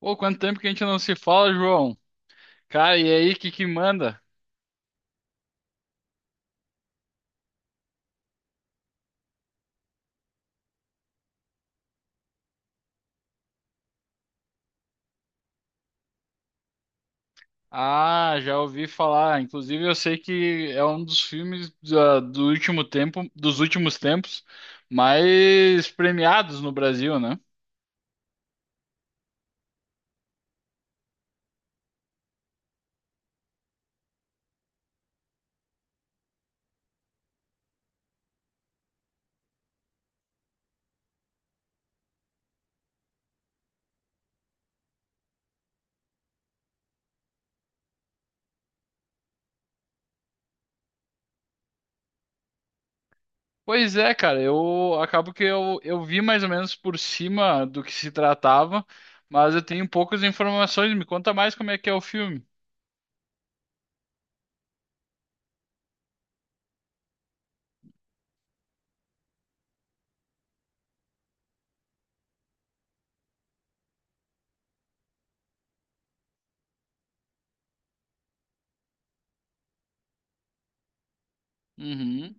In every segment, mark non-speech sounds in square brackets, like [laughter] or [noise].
Pô, quanto tempo que a gente não se fala, João? Cara, e aí, que manda? Ah, já ouvi falar. Inclusive, eu sei que é um dos filmes dos últimos tempos, mais premiados no Brasil, né? Pois é, cara, eu acabo que eu vi mais ou menos por cima do que se tratava, mas eu tenho poucas informações. Me conta mais como é que é o filme. Uhum.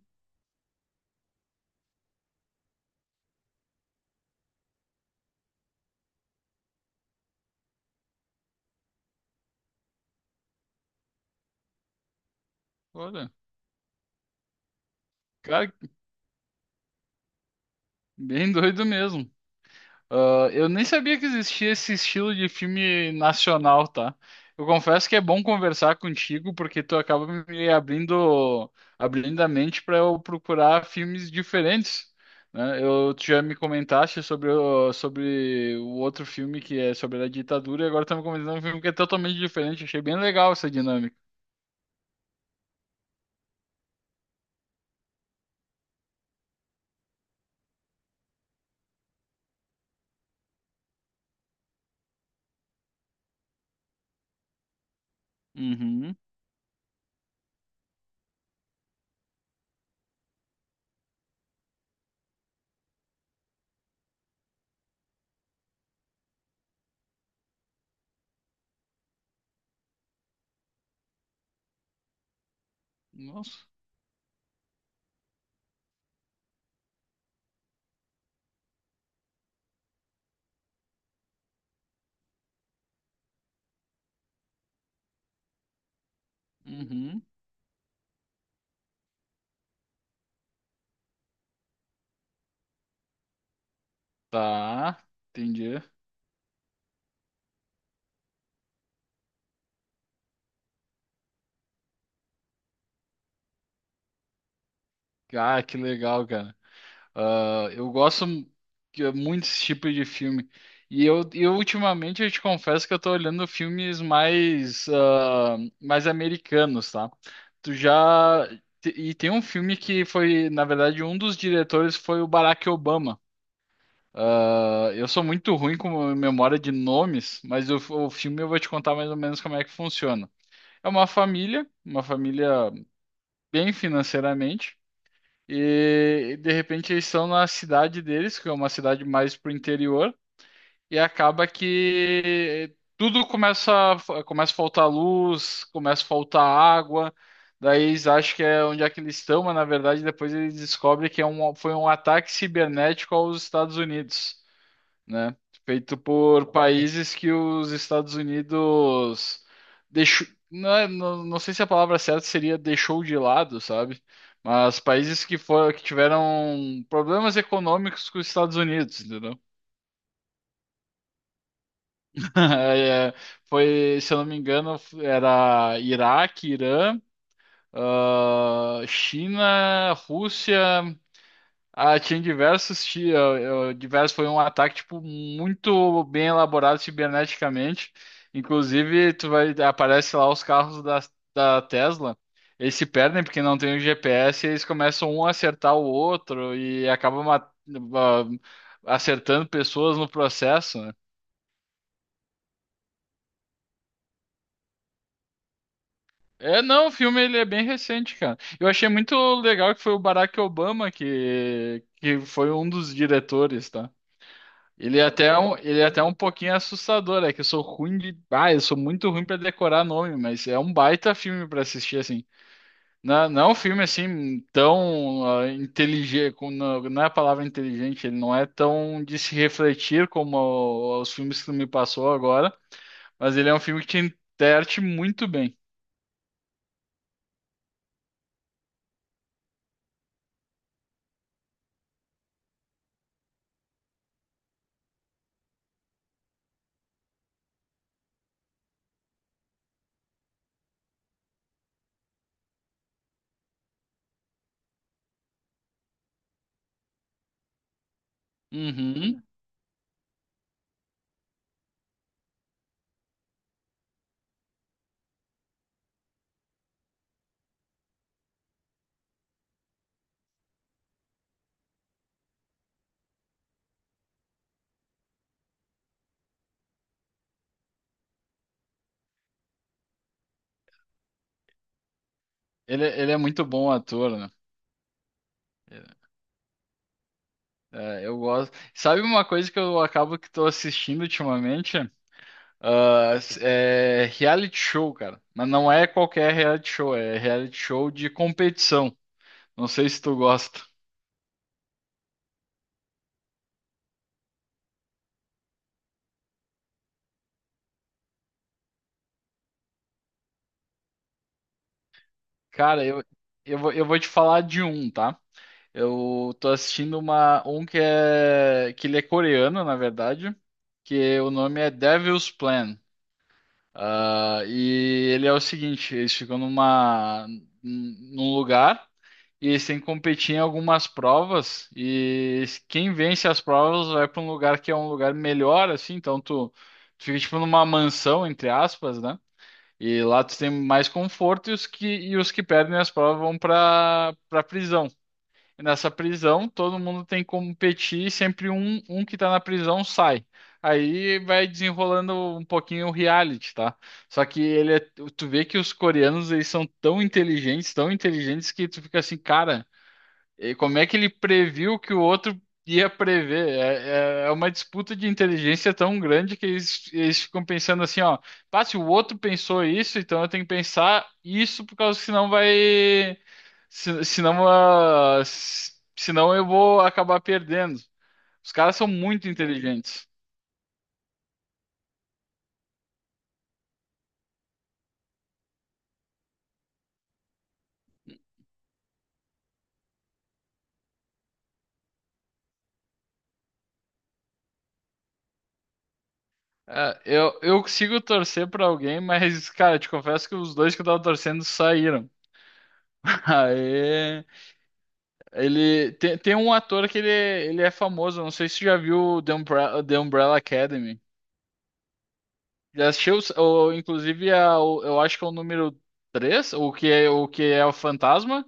Olha, cara, bem [laughs] doido mesmo. Ah, eu nem sabia que existia esse estilo de filme nacional, tá? Eu confesso que é bom conversar contigo porque tu acaba me abrindo, abrindo a mente para eu procurar filmes diferentes, né? Eu tu já me comentaste sobre o outro filme que é sobre a ditadura e agora estamos comentando um filme que é totalmente diferente. Achei bem legal essa dinâmica. Uhum. Nossa. Uhum. Tá. Entendi. Ah, que legal, cara. Ah, eu gosto mu- que é muito desse tipo de filme. E eu ultimamente eu te confesso que eu tô olhando filmes mais, ah, mais americanos, tá? Tu já. E tem um filme que foi, na verdade, um dos diretores foi o Barack Obama. Ah, eu sou muito ruim com memória de nomes, mas o filme eu vou te contar mais ou menos como é que funciona. É uma família bem financeiramente. E de repente eles estão na cidade deles, que é uma cidade mais pro interior, e acaba que tudo começa a faltar luz, começa a faltar água, daí eles acham que é onde é que eles estão, mas na verdade depois eles descobrem que foi um ataque cibernético aos Estados Unidos, né? Feito por países que os Estados Unidos deixou, não, não sei se a palavra certa seria deixou de lado, sabe? Mas países que foram, que tiveram problemas econômicos com os Estados Unidos, entendeu? [laughs] É, foi, se eu não me engano, era Iraque, Irã, ah, China, Rússia. Ah, tinha diversos, diversos, foi um ataque, tipo, muito bem elaborado ciberneticamente. Inclusive, tu vai, aparece lá os carros da Tesla, eles se perdem porque não tem o GPS, e eles começam um a acertar o outro e acabam ah, acertando pessoas no processo, né? É, não, o filme ele é bem recente, cara. Eu achei muito legal que foi o Barack Obama que foi um dos diretores, tá? Ele é até um pouquinho assustador, é que eu sou ruim de. Ah, eu sou muito ruim pra decorar nome, mas é um baita filme pra assistir, assim. Não, é, não é um filme assim tão inteligente, não, não é a palavra inteligente, ele não é tão de se refletir como os filmes que tu me passou agora, mas ele é um filme que te enterte muito bem. Uhum. Ele é muito bom ator, né? É, eu gosto. Sabe uma coisa que eu acabo que estou assistindo ultimamente? Ah, é reality show, cara. Mas não é qualquer reality show, é reality show de competição. Não sei se tu gosta. Cara, eu vou te falar de um, tá? Eu tô assistindo um que é, que ele é coreano, na verdade, que o nome é Devil's Plan. Ah, e ele é o seguinte, eles ficam num lugar e eles têm que competir em algumas provas e quem vence as provas vai para um lugar que é um lugar melhor, assim, então tu fica tipo numa mansão, entre aspas, né? E lá tu tem mais conforto e os que perdem as provas vão para prisão. E nessa prisão, todo mundo tem que competir, e sempre um que tá na prisão sai. Aí vai desenrolando um pouquinho o reality, tá? Só que ele é, tu vê que os coreanos, eles são tão inteligentes que tu fica assim, cara, e como é que ele previu que o outro ia prever? É uma disputa de inteligência tão grande que eles ficam pensando assim, ó, pá, se o outro pensou isso, então eu tenho que pensar isso por causa que senão vai, se, senão, ah, se- senão eu vou acabar perdendo. Os caras são muito inteligentes. É, eu consigo torcer pra alguém, mas, cara, te confesso que os dois que eu tava torcendo saíram. [laughs] Aê. Ele tem um ator que ele é famoso, não sei se você já viu The Umbrella Academy. Já assistiu, ou, inclusive, eu acho que é o número 3 o que é o que é o Fantasma.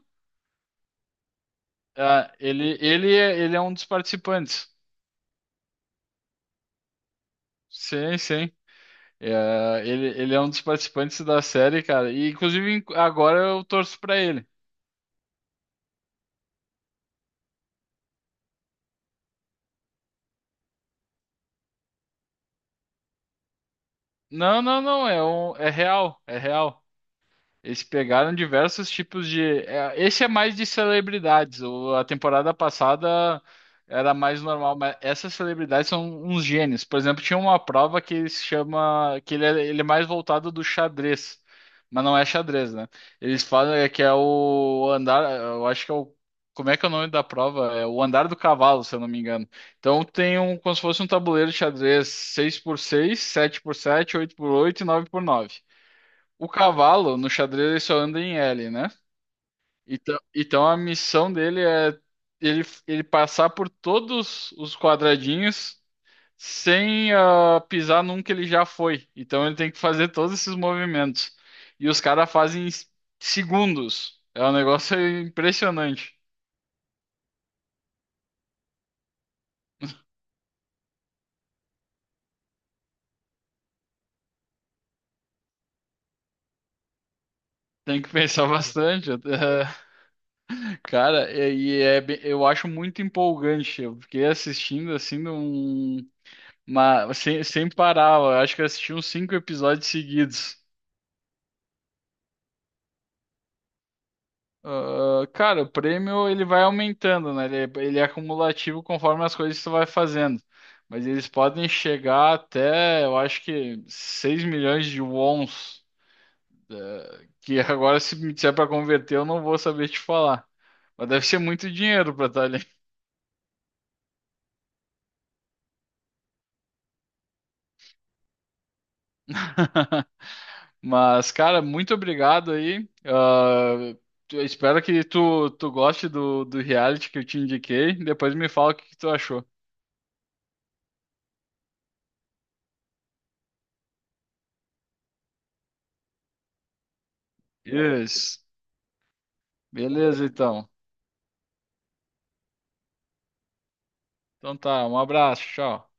Ah, ele é um dos participantes. Sim, sim. É, ele é um dos participantes da série, cara. E, inclusive, agora eu torço pra ele. Não, não, não, é real, é real. Eles pegaram diversos tipos de. Esse é mais de celebridades. A temporada passada era mais normal, mas essas celebridades são uns gênios. Por exemplo, tinha uma prova que se chama. Que ele é mais voltado do xadrez. Mas não é xadrez, né? Eles falam é que é o andar. Eu acho que é o. Como é que é o nome da prova? É o andar do cavalo, se eu não me engano. Então tem um, como se fosse um tabuleiro de xadrez seis por seis, sete por sete, oito por oito, e 9x9. O cavalo, no xadrez, ele só anda em L, né? Então a missão dele é ele passar por todos os quadradinhos sem ah, pisar num que ele já foi. Então ele tem que fazer todos esses movimentos. E os caras fazem em segundos. É um negócio impressionante. Tem que pensar bastante. Até- [laughs] Cara, e é, bem- eu acho muito empolgante. Eu fiquei assistindo assim num. Mas sem parar, eu acho que eu assisti uns cinco episódios seguidos. Ah, cara, o prêmio ele vai aumentando, né? Ele é acumulativo conforme as coisas que tu vai fazendo. Mas eles podem chegar até, eu acho que 6 milhões de wons. Que [laughs] agora, se me disser para converter, eu não vou saber te falar. Mas deve ser muito dinheiro para estar ali. [laughs] Mas, cara, muito obrigado aí. Ah, eu espero que tu goste do reality que eu te indiquei. Depois me fala o que que tu achou. Isso. Beleza, então. Então tá, um abraço, tchau.